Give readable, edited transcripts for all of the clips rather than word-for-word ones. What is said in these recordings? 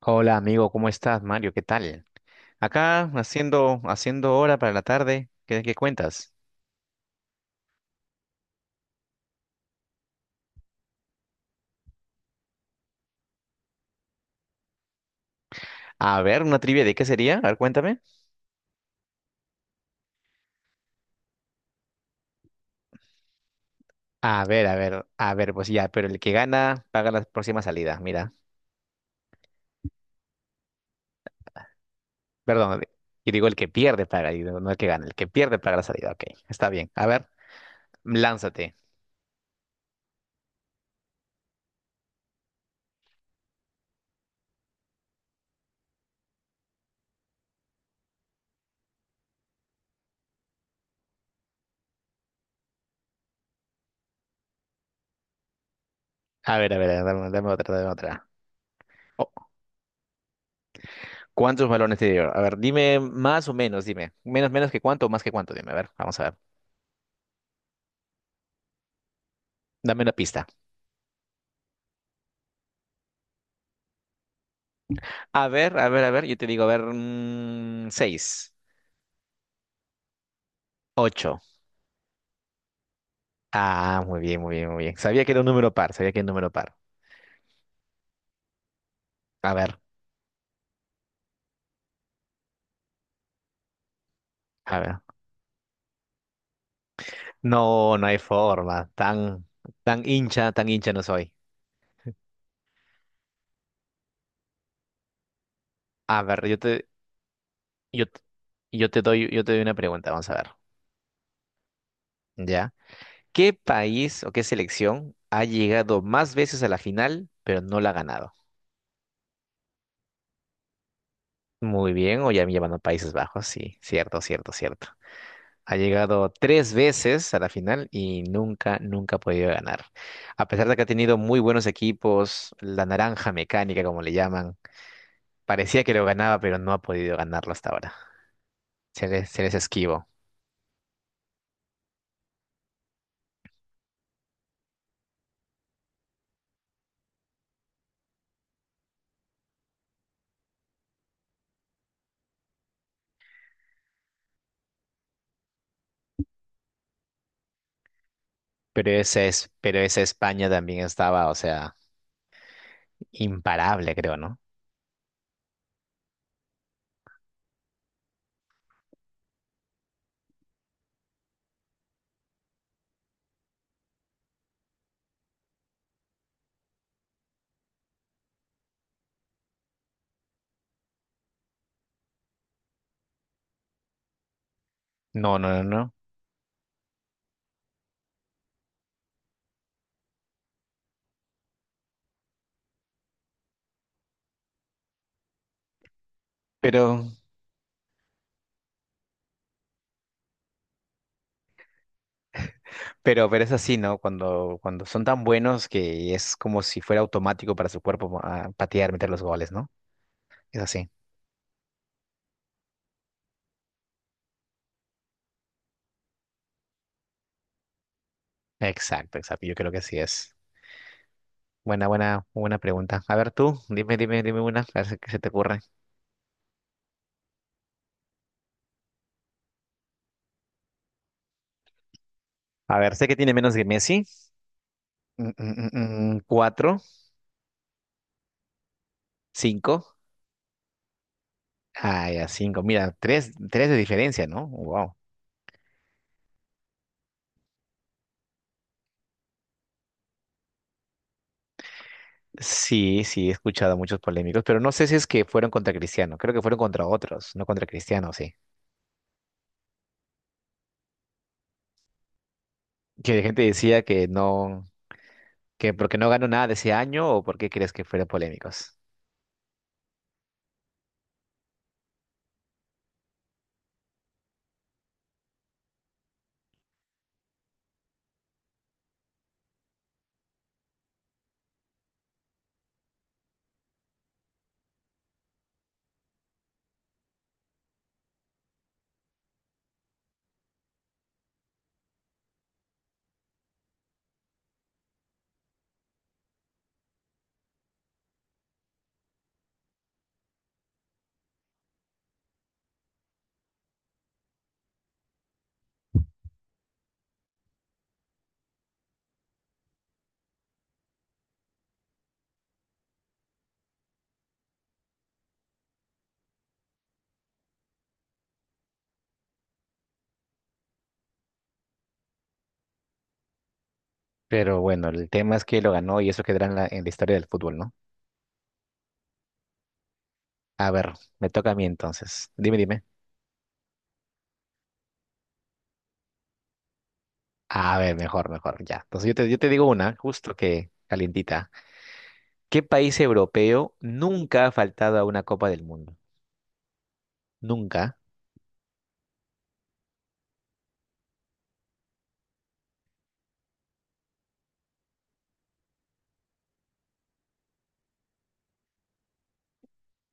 Hola amigo, ¿cómo estás, Mario? ¿Qué tal? Acá haciendo hora para la tarde. ¿Qué cuentas? A ver, una trivia de qué sería. A ver, cuéntame. A ver, a ver, a ver, pues ya, pero el que gana paga la próxima salida, mira. Perdón, y digo el que pierde paga, y digo, no el que gana, el que pierde paga la salida. Ok, está bien. A ver, lánzate. A ver, dame otra, dame otra. Oh, ¿cuántos balones te dio? A ver, dime más o menos, dime. Menos que cuánto o más que cuánto, dime. A ver, vamos a ver. Dame una pista. A ver, a ver, a ver, yo te digo, a ver, seis, ocho. Ah, muy bien, muy bien, muy bien. Sabía que era un número par, sabía que era un número par. A ver, a ver. No, no hay forma. Tan hincha no soy. A ver, yo, t- yo te doy una pregunta, vamos a ver. ¿Ya? ¿Qué país o qué selección ha llegado más veces a la final, pero no la ha ganado? Muy bien, o ya me llevan a Países Bajos, sí, cierto, cierto, cierto. Ha llegado tres veces a la final y nunca ha podido ganar. A pesar de que ha tenido muy buenos equipos, la naranja mecánica, como le llaman, parecía que lo ganaba, pero no ha podido ganarlo hasta ahora. Se les esquivo. Pero esa España también estaba, o sea, imparable, creo, ¿no? No, no, no, no. Pero, pero es así, ¿no? Cuando son tan buenos que es como si fuera automático para su cuerpo patear, meter los goles, ¿no? Es así. Exacto, exacto. Yo creo que así es. Buena, buena, buena pregunta. A ver tú, dime, dime, dime una, a ver si- qué se te ocurre. A ver, sé que tiene menos que Messi. Cuatro, cinco. Ah, ya, cinco. Mira, tres de diferencia, ¿no? Wow. Sí, sí, he escuchado muchos polémicos, pero no sé si es que fueron contra Cristiano. Creo que fueron contra otros, no contra Cristiano, sí. Que la gente decía que no, que porque no ganó nada de ese año o porque crees que fueron polémicos. Pero bueno, el tema es que lo ganó y eso quedará en la, historia del fútbol, ¿no? A ver, me toca a mí entonces. Dime, dime. Ah, a ver, mejor, mejor, ya. Entonces yo te digo una, justo que calientita. ¿Qué país europeo nunca ha faltado a una Copa del Mundo? Nunca.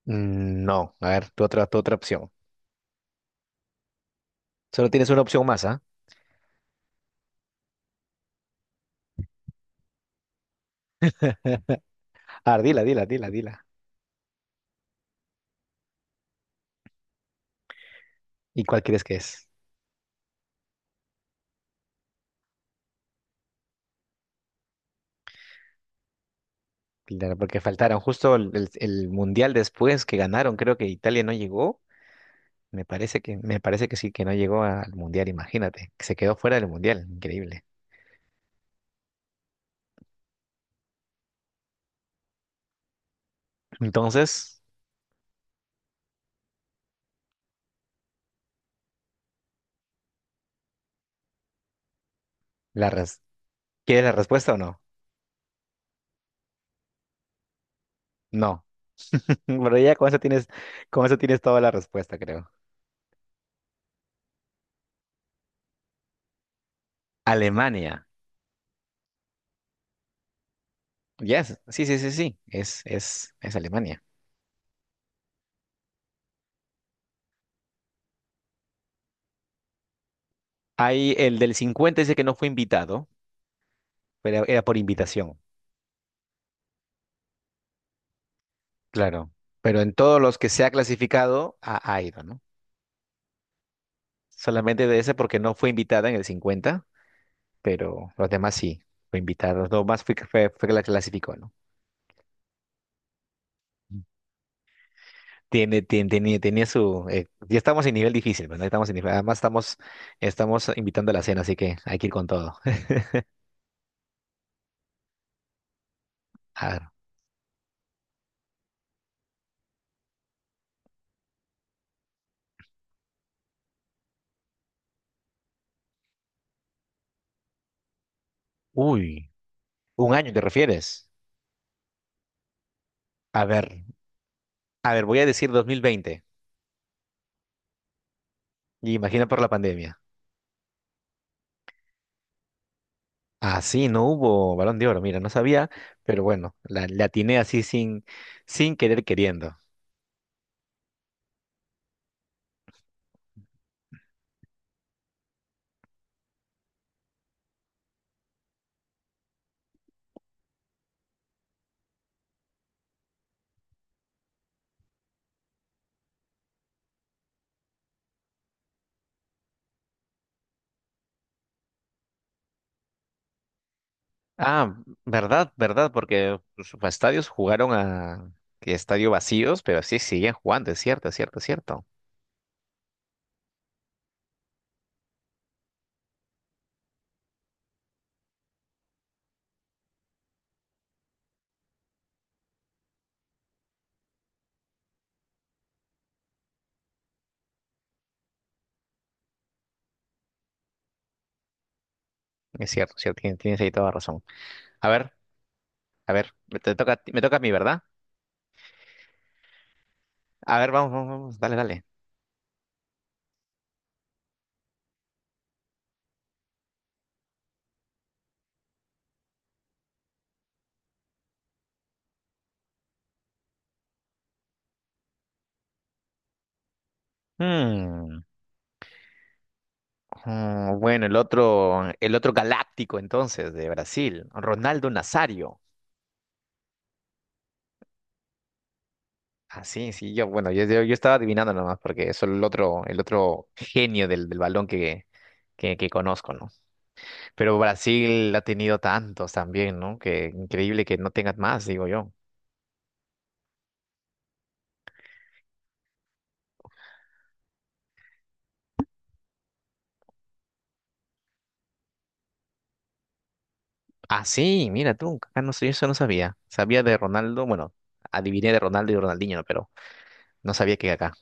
No, a ver, tu otra opción. Solo tienes una opción más, ¿ah? A ver, dila, dila, dila, dila. ¿Y cuál crees que es? Claro, porque faltaron justo el Mundial después que ganaron, creo que Italia no llegó. Me parece que sí, que no llegó al Mundial, imagínate, que se quedó fuera del Mundial, increíble. Entonces, la res- ¿quieres la respuesta o no? No. Pero ya con eso tienes toda la respuesta, creo. Alemania. Yes. Sí, sí, sí, sí. Es Alemania. Hay el del cincuenta dice que no fue invitado, pero era por invitación. Claro. Pero en todos los que se ha clasificado, ha ido, ¿no? Solamente de ese porque no fue invitada en el 50 pero los demás sí, fue invitada. Los demás fue que la clasificó, ¿no? Tenía su. Ya estamos en nivel difícil, ¿verdad? Estamos además estamos invitando a la cena, así que hay que ir con todo. A ver, uy, un año te refieres. A ver, a ver, voy a decir 2020. Y imagina por la pandemia. Ah, sí, no hubo Balón de Oro, mira, no sabía, pero bueno, la, atiné así sin querer queriendo. Ah, verdad, verdad, porque pues, los estadios jugaron a que estadio vacíos, pero sí siguen jugando, es cierto, es cierto, es cierto. Es cierto, es cierto, tienes ahí toda razón. A ver, a ver, me toca a mí, ¿verdad? A ver, vamos, vamos, vamos, dale, dale. Bueno, el otro galáctico entonces de Brasil, Ronaldo Nazario. Ah, sí, sí, bueno, yo estaba adivinando nomás porque es el otro genio del balón que conozco, ¿no? Pero Brasil ha tenido tantos también, ¿no? Que increíble que no tengas más, digo yo. Ah, sí, mira tú, acá no sé, eso no sabía. Sabía de Ronaldo, bueno, adiviné de Ronaldo y Ronaldinho, ¿no? Pero no sabía que acá.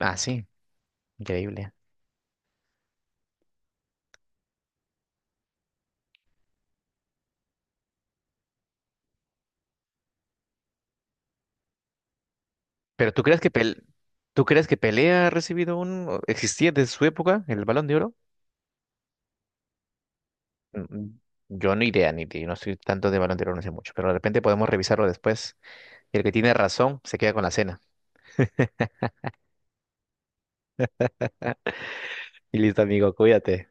Ah, sí, increíble. Pero tú crees que Pelé ha recibido un o existía desde su época el Balón de Oro? Mm, Yo no idea ni de- no soy tanto de Balón de Oro, no sé mucho, pero de repente podemos revisarlo después. Y el que tiene razón se queda con la cena. Y listo, amigo, cuídate.